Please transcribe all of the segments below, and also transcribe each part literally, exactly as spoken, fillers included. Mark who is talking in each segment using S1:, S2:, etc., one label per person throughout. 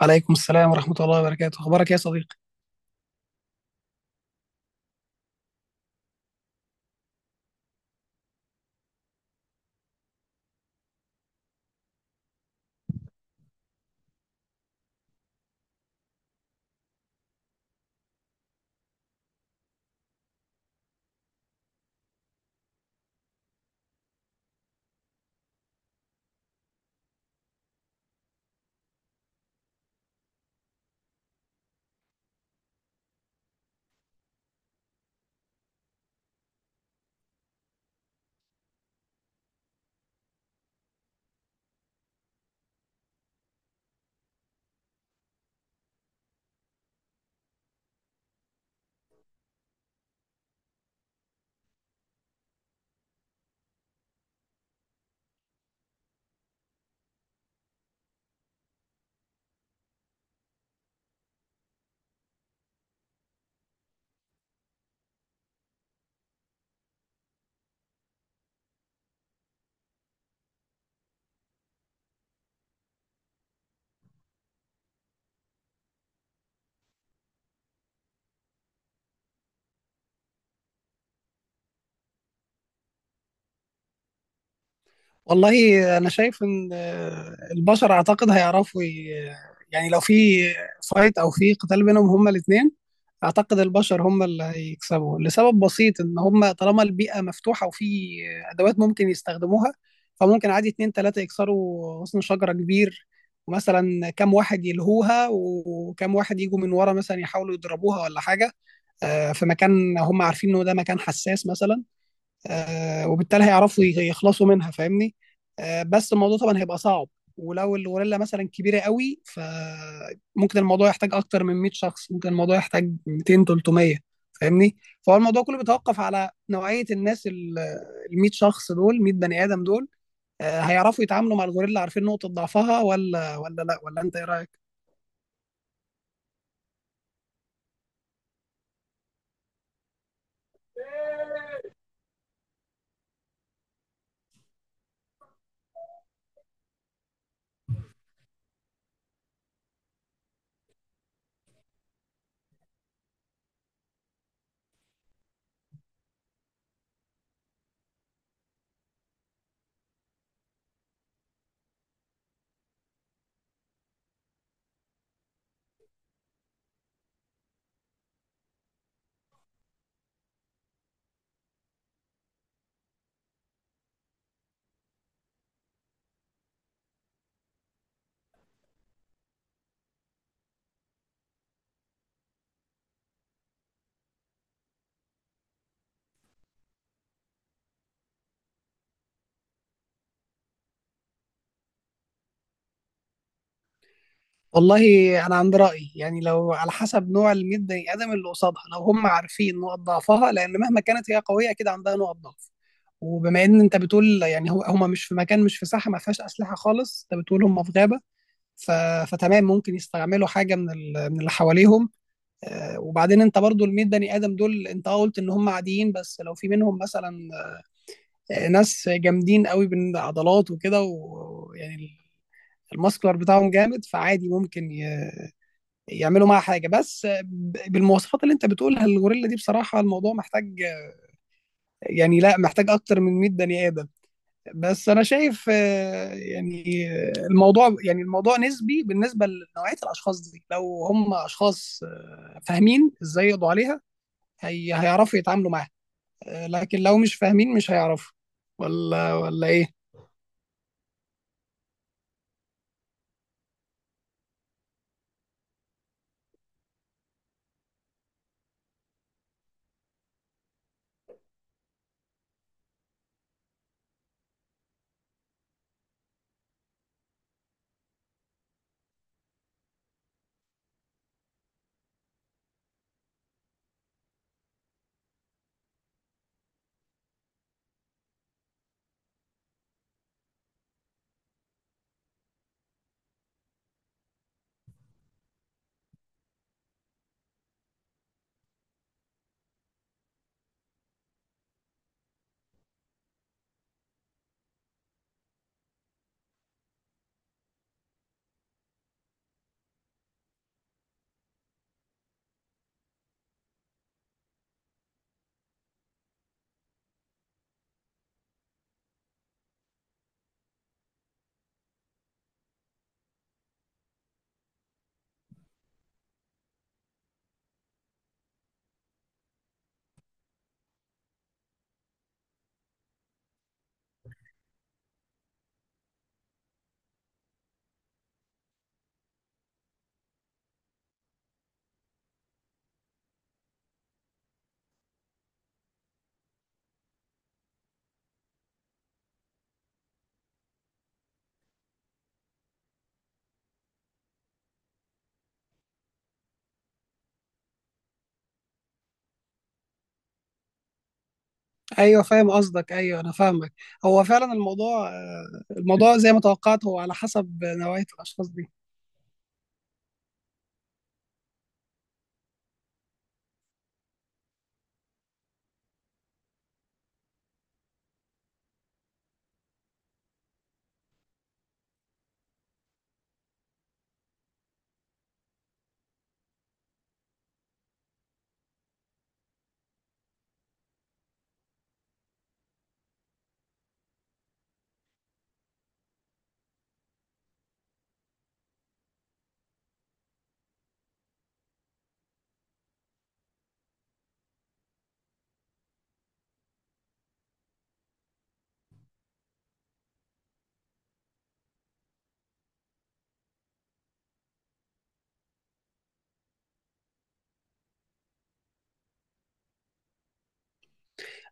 S1: عليكم السلام ورحمة الله وبركاته، أخبارك يا صديقي؟ والله، أنا شايف إن آه، البشر أعتقد هيعرفوا ي- يعني لو في فايت أو في قتال بينهم هما الاتنين، أعتقد البشر هما اللي هيكسبوا، لسبب بسيط إن هما طالما البيئة مفتوحة وفي أدوات ممكن يستخدموها، فممكن عادي اتنين تلاتة يكسروا غصن شجرة كبير، ومثلا كام واحد يلهوها وكام واحد يجوا من ورا مثلا يحاولوا يضربوها ولا حاجة. آه، في مكان هم عارفين إنه ده مكان حساس مثلا. آه، وبالتالي هيعرفوا ي- يخلصوا منها، فاهمني. آه، بس الموضوع طبعا هيبقى صعب، ولو الغوريلا مثلا كبيره قوي فممكن الموضوع يحتاج اكتر من 100 شخص، ممكن الموضوع يحتاج مئتين، تلت ميه، فاهمني. فهو الموضوع كله بيتوقف على نوعيه الناس، ال ال 100 شخص دول، مية بني آدم بني ادم دول، آه، هيعرفوا يتعاملوا مع الغوريلا، عارفين نقطه ضعفها ولا ولا لا، ولا انت ايه رايك؟ والله، انا عندي راي، يعني لو على حسب نوع ال مية بني آدم بني ادم اللي قصادها، لو هم عارفين نقط ضعفها، لان مهما كانت هي قويه اكيد عندها نقط ضعف. وبما ان انت بتقول يعني هو هم مش في مكان، مش في ساحه ما فيهاش اسلحه خالص، انت بتقول هم في غابه. ف... فتمام، ممكن يستعملوا حاجه من ال... من اللي حواليهم. آه، وبعدين انت برضو ال مية بني آدم بني ادم دول، انت اه قلت ان هم عاديين، بس لو في منهم مثلا آه، ناس جامدين قوي بالعضلات وكده، ويعني الماسكولار بتاعهم جامد، فعادي ممكن يعملوا معاها حاجه، بس ب- بالمواصفات اللي انت بتقولها الغوريلا دي، بصراحه الموضوع محتاج، يعني لا، محتاج اكتر من مية بني آدم بني ادم. بس انا شايف، آه، يعني آه، الموضوع، يعني الموضوع نسبي بالنسبه لنوعيه الاشخاص دي، لو هم اشخاص آه، فاهمين ازاي يقضوا عليها، هي هيعرفوا يتعاملوا معاها. آه، لكن لو مش فاهمين مش هيعرفوا ولا ولا ايه؟ ايوه فاهم قصدك، ايوه انا فاهمك. هو فعلا الموضوع، آه، الموضوع زي ما توقعت، هو على حسب نوعيه الاشخاص دي.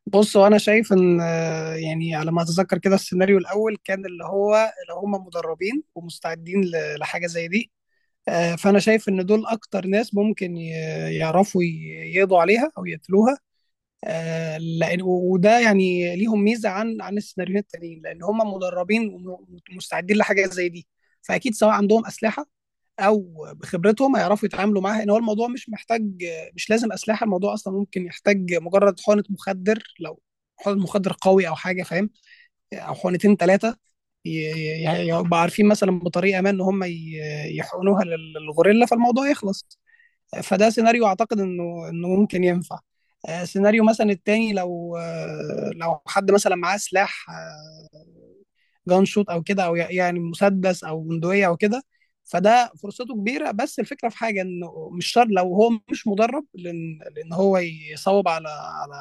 S1: بص، وانا شايف ان آه، يعني على ما اتذكر كده، السيناريو الاول كان اللي هو لو هم مدربين ومستعدين ل- لحاجه زي دي. آه، فانا شايف ان دول اكتر ناس ممكن ي- يعرفوا ي- يقضوا عليها او يقتلوها، آه، لان وده يعني ليهم ميزه عن عن السيناريوهات التانيين، لان هم مدربين ومستعدين لحاجه زي دي. فاكيد سواء عندهم اسلحه او بخبرتهم هيعرفوا يتعاملوا معاها، ان هو الموضوع مش محتاج، مش لازم اسلحه. الموضوع اصلا ممكن يحتاج مجرد حقنه مخدر، لو حقنه مخدر قوي او حاجه، فاهم؟ او حقنتين ثلاثه، يبقى عارفين مثلا بطريقه ما ان هم ي- يحقنوها للغوريلا، فالموضوع يخلص. فده سيناريو اعتقد انه انه ممكن ينفع. آه، سيناريو مثلا التاني، لو آه، لو حد مثلا معاه سلاح جان شوت او كده، او يعني مسدس او بندقيه او كده، فده فرصته كبيره، بس الفكره في حاجه انه مش شرط لو هو مش مدرب، لان لان هو يصوب على على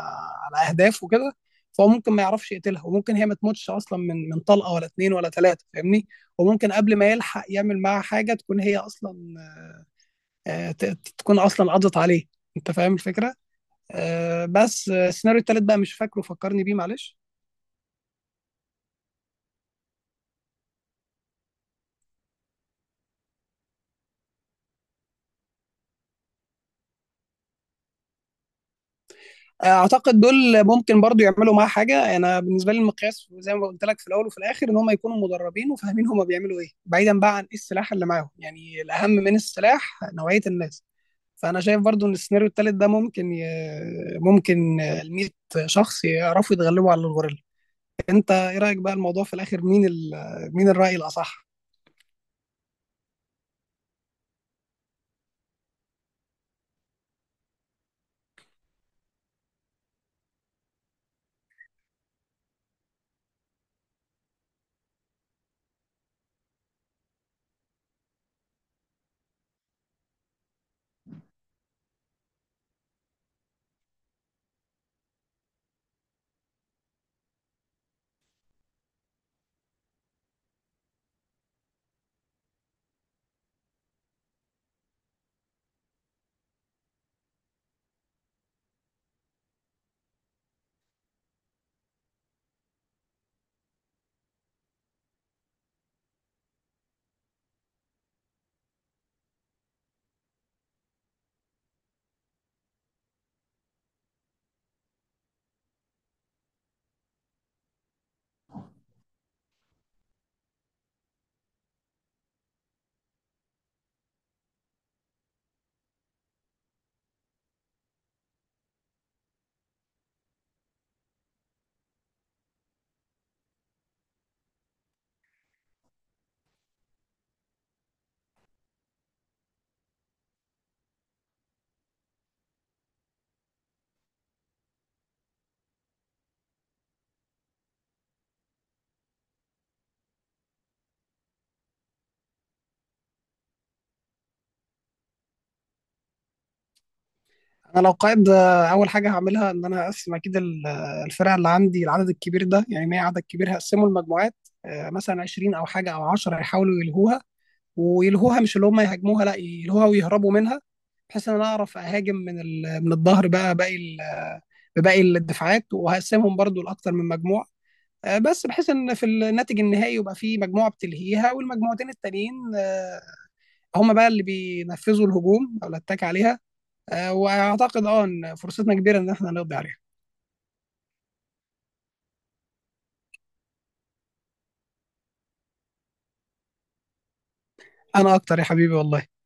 S1: على اهداف وكده. فهو ممكن ما يعرفش يقتلها، وممكن هي ما تموتش اصلا من من طلقه ولا اتنين ولا تلاته، فاهمني. وممكن قبل ما يلحق يعمل معاها حاجه، تكون هي اصلا آه، ت- ت- تكون اصلا قضت عليه. انت فاهم الفكره؟ آه، بس آه، السيناريو التالت بقى مش فاكره، فكرني بيه، معلش. اعتقد دول ممكن برضو يعملوا معاه حاجه. انا بالنسبه لي المقياس زي ما قلت لك في الاول وفي الاخر، ان هم يكونوا مدربين وفاهمين هم بيعملوا ايه، بعيدا بقى عن ايه السلاح اللي معاهم، يعني الاهم من السلاح نوعيه الناس. فانا شايف برضو ان السيناريو الثالث ده ممكن ي... ممكن ال 100 شخص يعرفوا يتغلبوا على الغوريلا. انت ايه رايك بقى، الموضوع في الاخر مين ال... مين الراي الاصح؟ انا لو قائد، آه، اول حاجه هعملها ان انا هقسم اكيد ال- آه، الفرق اللي عندي العدد الكبير ده، يعني مية عدد كبير، هقسمه لمجموعات، آه، مثلا عشرين او حاجه او عشر يحاولوا يلهوها، ويلهوها، مش اللي هم يهاجموها، لا يلهوها ويهربوا منها، بحيث ان انا اعرف اهاجم من ال- من الظهر، بقى باقي ال- آه، بباقي الدفاعات، وهقسمهم برضو لاكتر من مجموعه. آه، بس بحيث ان في الناتج النهائي يبقى في مجموعه بتلهيها، والمجموعتين التانيين آه، هم بقى اللي بينفذوا الهجوم او الاتاك عليها. آه، واعتقد اه ان فرصتنا كبيره ان احنا نقضي عليها. انا اكتر يا حبيبي، والله.